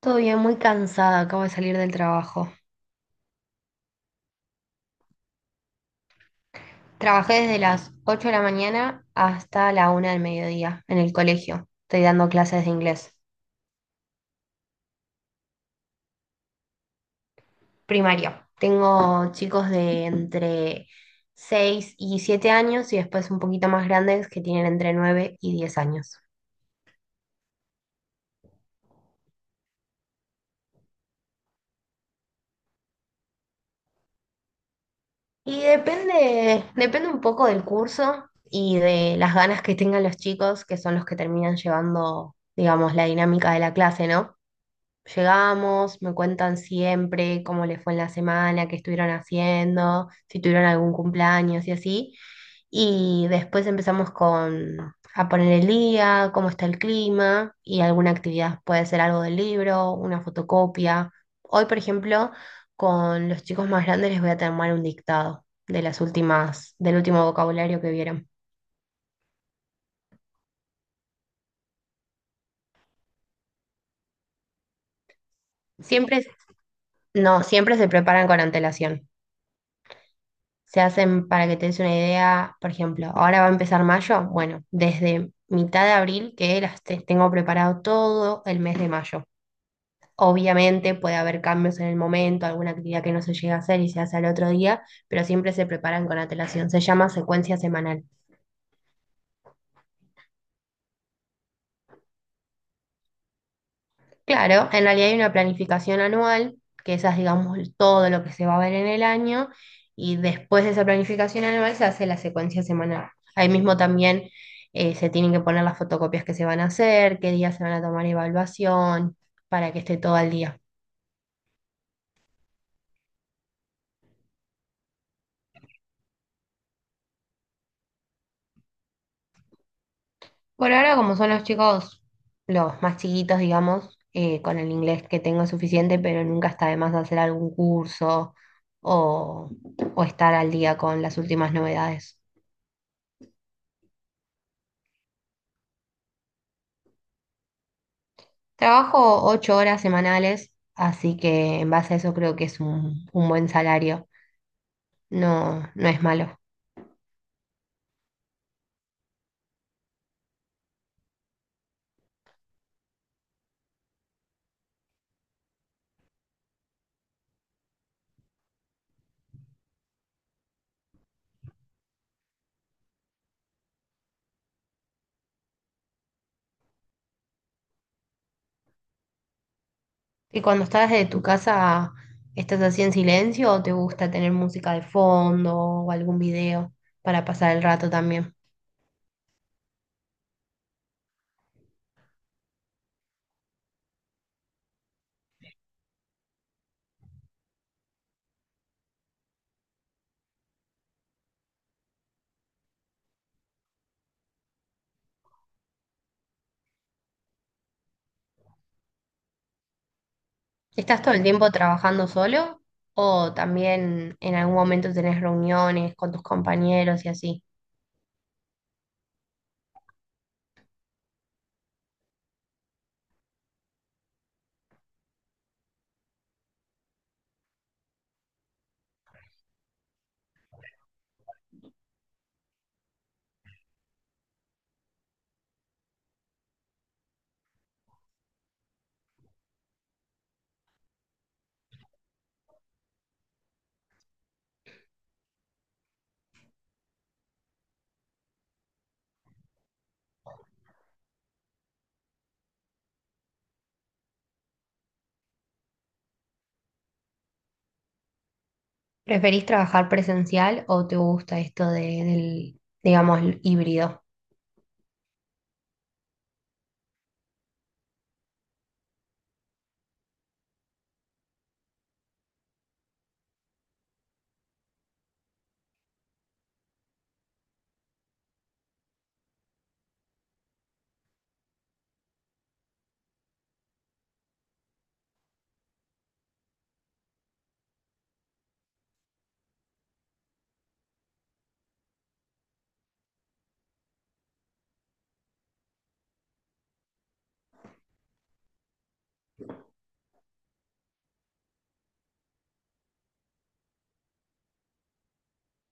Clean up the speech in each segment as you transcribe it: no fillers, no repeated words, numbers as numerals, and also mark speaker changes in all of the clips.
Speaker 1: Todo bien, muy cansada, acabo de salir del trabajo. Trabajé desde las 8 de la mañana hasta la 1 del mediodía en el colegio. Estoy dando clases de inglés primario. Tengo chicos de entre 6 y 7 años y después un poquito más grandes que tienen entre 9 y 10 años. Y depende un poco del curso y de las ganas que tengan los chicos, que son los que terminan llevando, digamos, la dinámica de la clase, ¿no? Llegamos, me cuentan siempre cómo les fue en la semana, qué estuvieron haciendo, si tuvieron algún cumpleaños y así. Y después empezamos con a poner el día, cómo está el clima y alguna actividad. Puede ser algo del libro, una fotocopia. Hoy, por ejemplo, con los chicos más grandes les voy a tomar un dictado de las últimas, del último vocabulario que vieron. Siempre, no, siempre se preparan con antelación. Se hacen, para que te des una idea, por ejemplo, ahora va a empezar mayo. Bueno, desde mitad de abril que tengo preparado todo el mes de mayo. Obviamente puede haber cambios en el momento, alguna actividad que no se llega a hacer y se hace al otro día, pero siempre se preparan con antelación. Se llama secuencia semanal. Claro, en realidad hay una planificación anual, que esa es, digamos, todo lo que se va a ver en el año, y después de esa planificación anual se hace la secuencia semanal. Ahí mismo también se tienen que poner las fotocopias que se van a hacer, qué días se van a tomar evaluación, para que esté todo al día. Por ahora, como son los chicos los más chiquitos, digamos, con el inglés que tengo es suficiente, pero nunca está de más hacer algún curso o, o estar al día con las últimas novedades. Trabajo 8 horas semanales, así que en base a eso creo que es un buen salario. No, no es malo. ¿Y cuando estás desde tu casa, estás así en silencio o te gusta tener música de fondo o algún video para pasar el rato también? ¿Estás todo el tiempo trabajando solo o también en algún momento tenés reuniones con tus compañeros y así? ¿Preferís trabajar presencial o te gusta esto de- del, digamos, híbrido?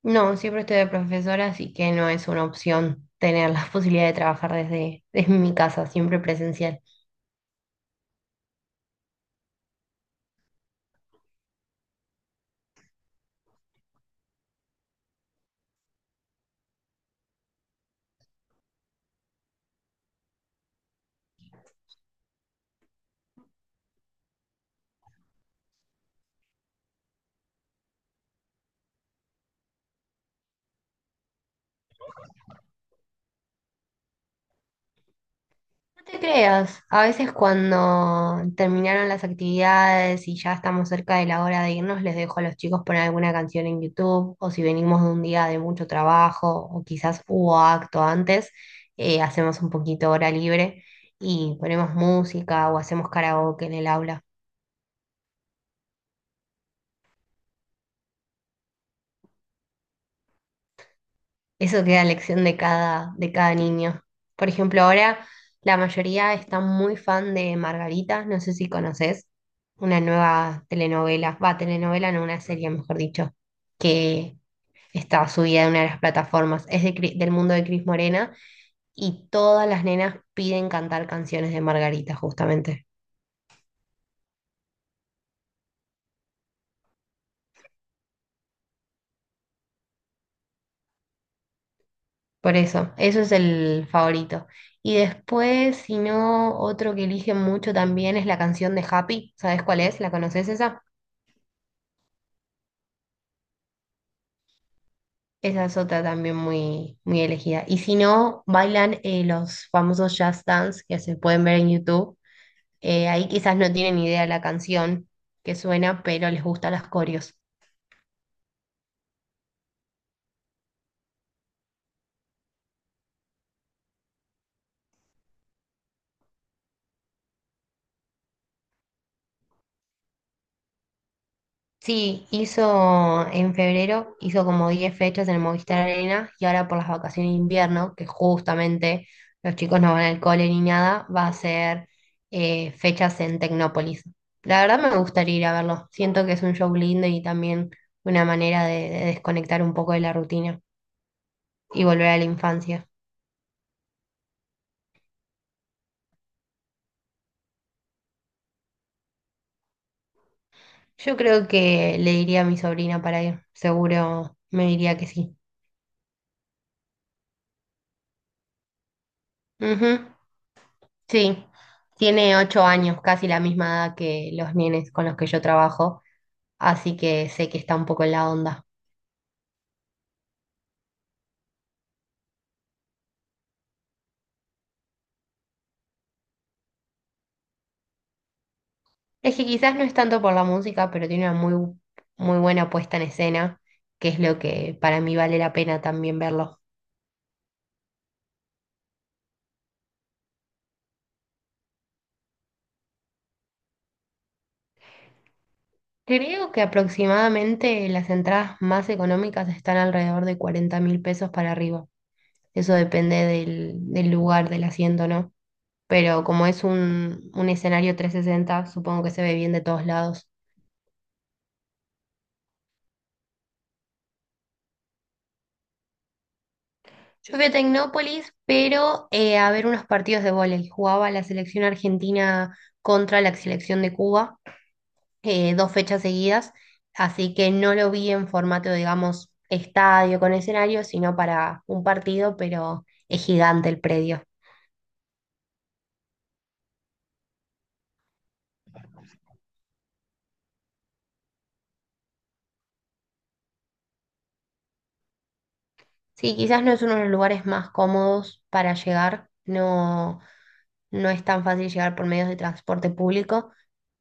Speaker 1: No, siempre estoy de profesora, así que no es una opción tener la posibilidad de trabajar desde, desde mi casa, siempre presencial. No te creas, a veces cuando terminaron las actividades y ya estamos cerca de la hora de irnos, les dejo a los chicos poner alguna canción en YouTube o si venimos de un día de mucho trabajo o quizás hubo acto antes, hacemos un poquito hora libre y ponemos música o hacemos karaoke en el aula. Eso queda a elección de cada niño. Por ejemplo, ahora la mayoría está muy fan de Margarita, no sé si conoces, una nueva telenovela, va, telenovela, no, una serie, mejor dicho, que está subida en una de las plataformas. Es de del mundo de Cris Morena y todas las nenas piden cantar canciones de Margarita, justamente. Por eso, eso es el favorito. Y después, si no, otro que eligen mucho también es la canción de Happy. ¿Sabes cuál es? ¿La conoces esa? Esa es otra también muy, muy elegida. Y si no, bailan los famosos Just Dance que se pueden ver en YouTube. Ahí quizás no tienen idea de la canción que suena, pero les gustan las coreos. Sí, hizo en febrero, hizo como 10 fechas en el Movistar Arena y ahora por las vacaciones de invierno, que justamente los chicos no van al cole ni nada, va a ser fechas en Tecnópolis. La verdad me gustaría ir a verlo. Siento que es un show lindo y también una manera de desconectar un poco de la rutina y volver a la infancia. Yo creo que le diría a mi sobrina para ir, seguro me diría que sí. Ujú. Sí, tiene 8 años, casi la misma edad que los nenes con los que yo trabajo, así que sé que está un poco en la onda. Es que quizás no es tanto por la música, pero tiene una muy, muy buena puesta en escena, que es lo que para mí vale la pena también verlo. Creo que aproximadamente las entradas más económicas están alrededor de 40.000 pesos para arriba. Eso depende del, del lugar, del asiento, ¿no? Pero como es un escenario 360, supongo que se ve bien de todos lados. Yo fui a Tecnópolis, pero a ver unos partidos de vóley. Jugaba la selección argentina contra la selección de Cuba, dos fechas seguidas, así que no lo vi en formato, digamos, estadio con escenario, sino para un partido, pero es gigante el predio. Sí, quizás no es uno de los lugares más cómodos para llegar, no, no es tan fácil llegar por medios de transporte público,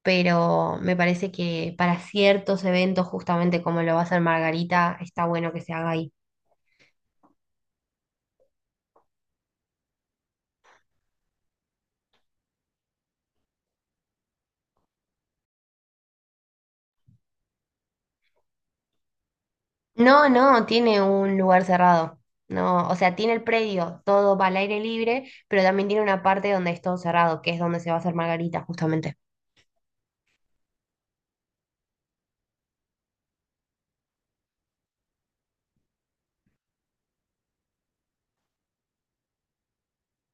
Speaker 1: pero me parece que para ciertos eventos, justamente como lo va a hacer Margarita, está bueno que se haga ahí. No, no, tiene un lugar cerrado. No, o sea, tiene el predio, todo va al aire libre, pero también tiene una parte donde es todo cerrado, que es donde se va a hacer Margarita, justamente.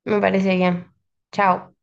Speaker 1: Me parece bien. Chao.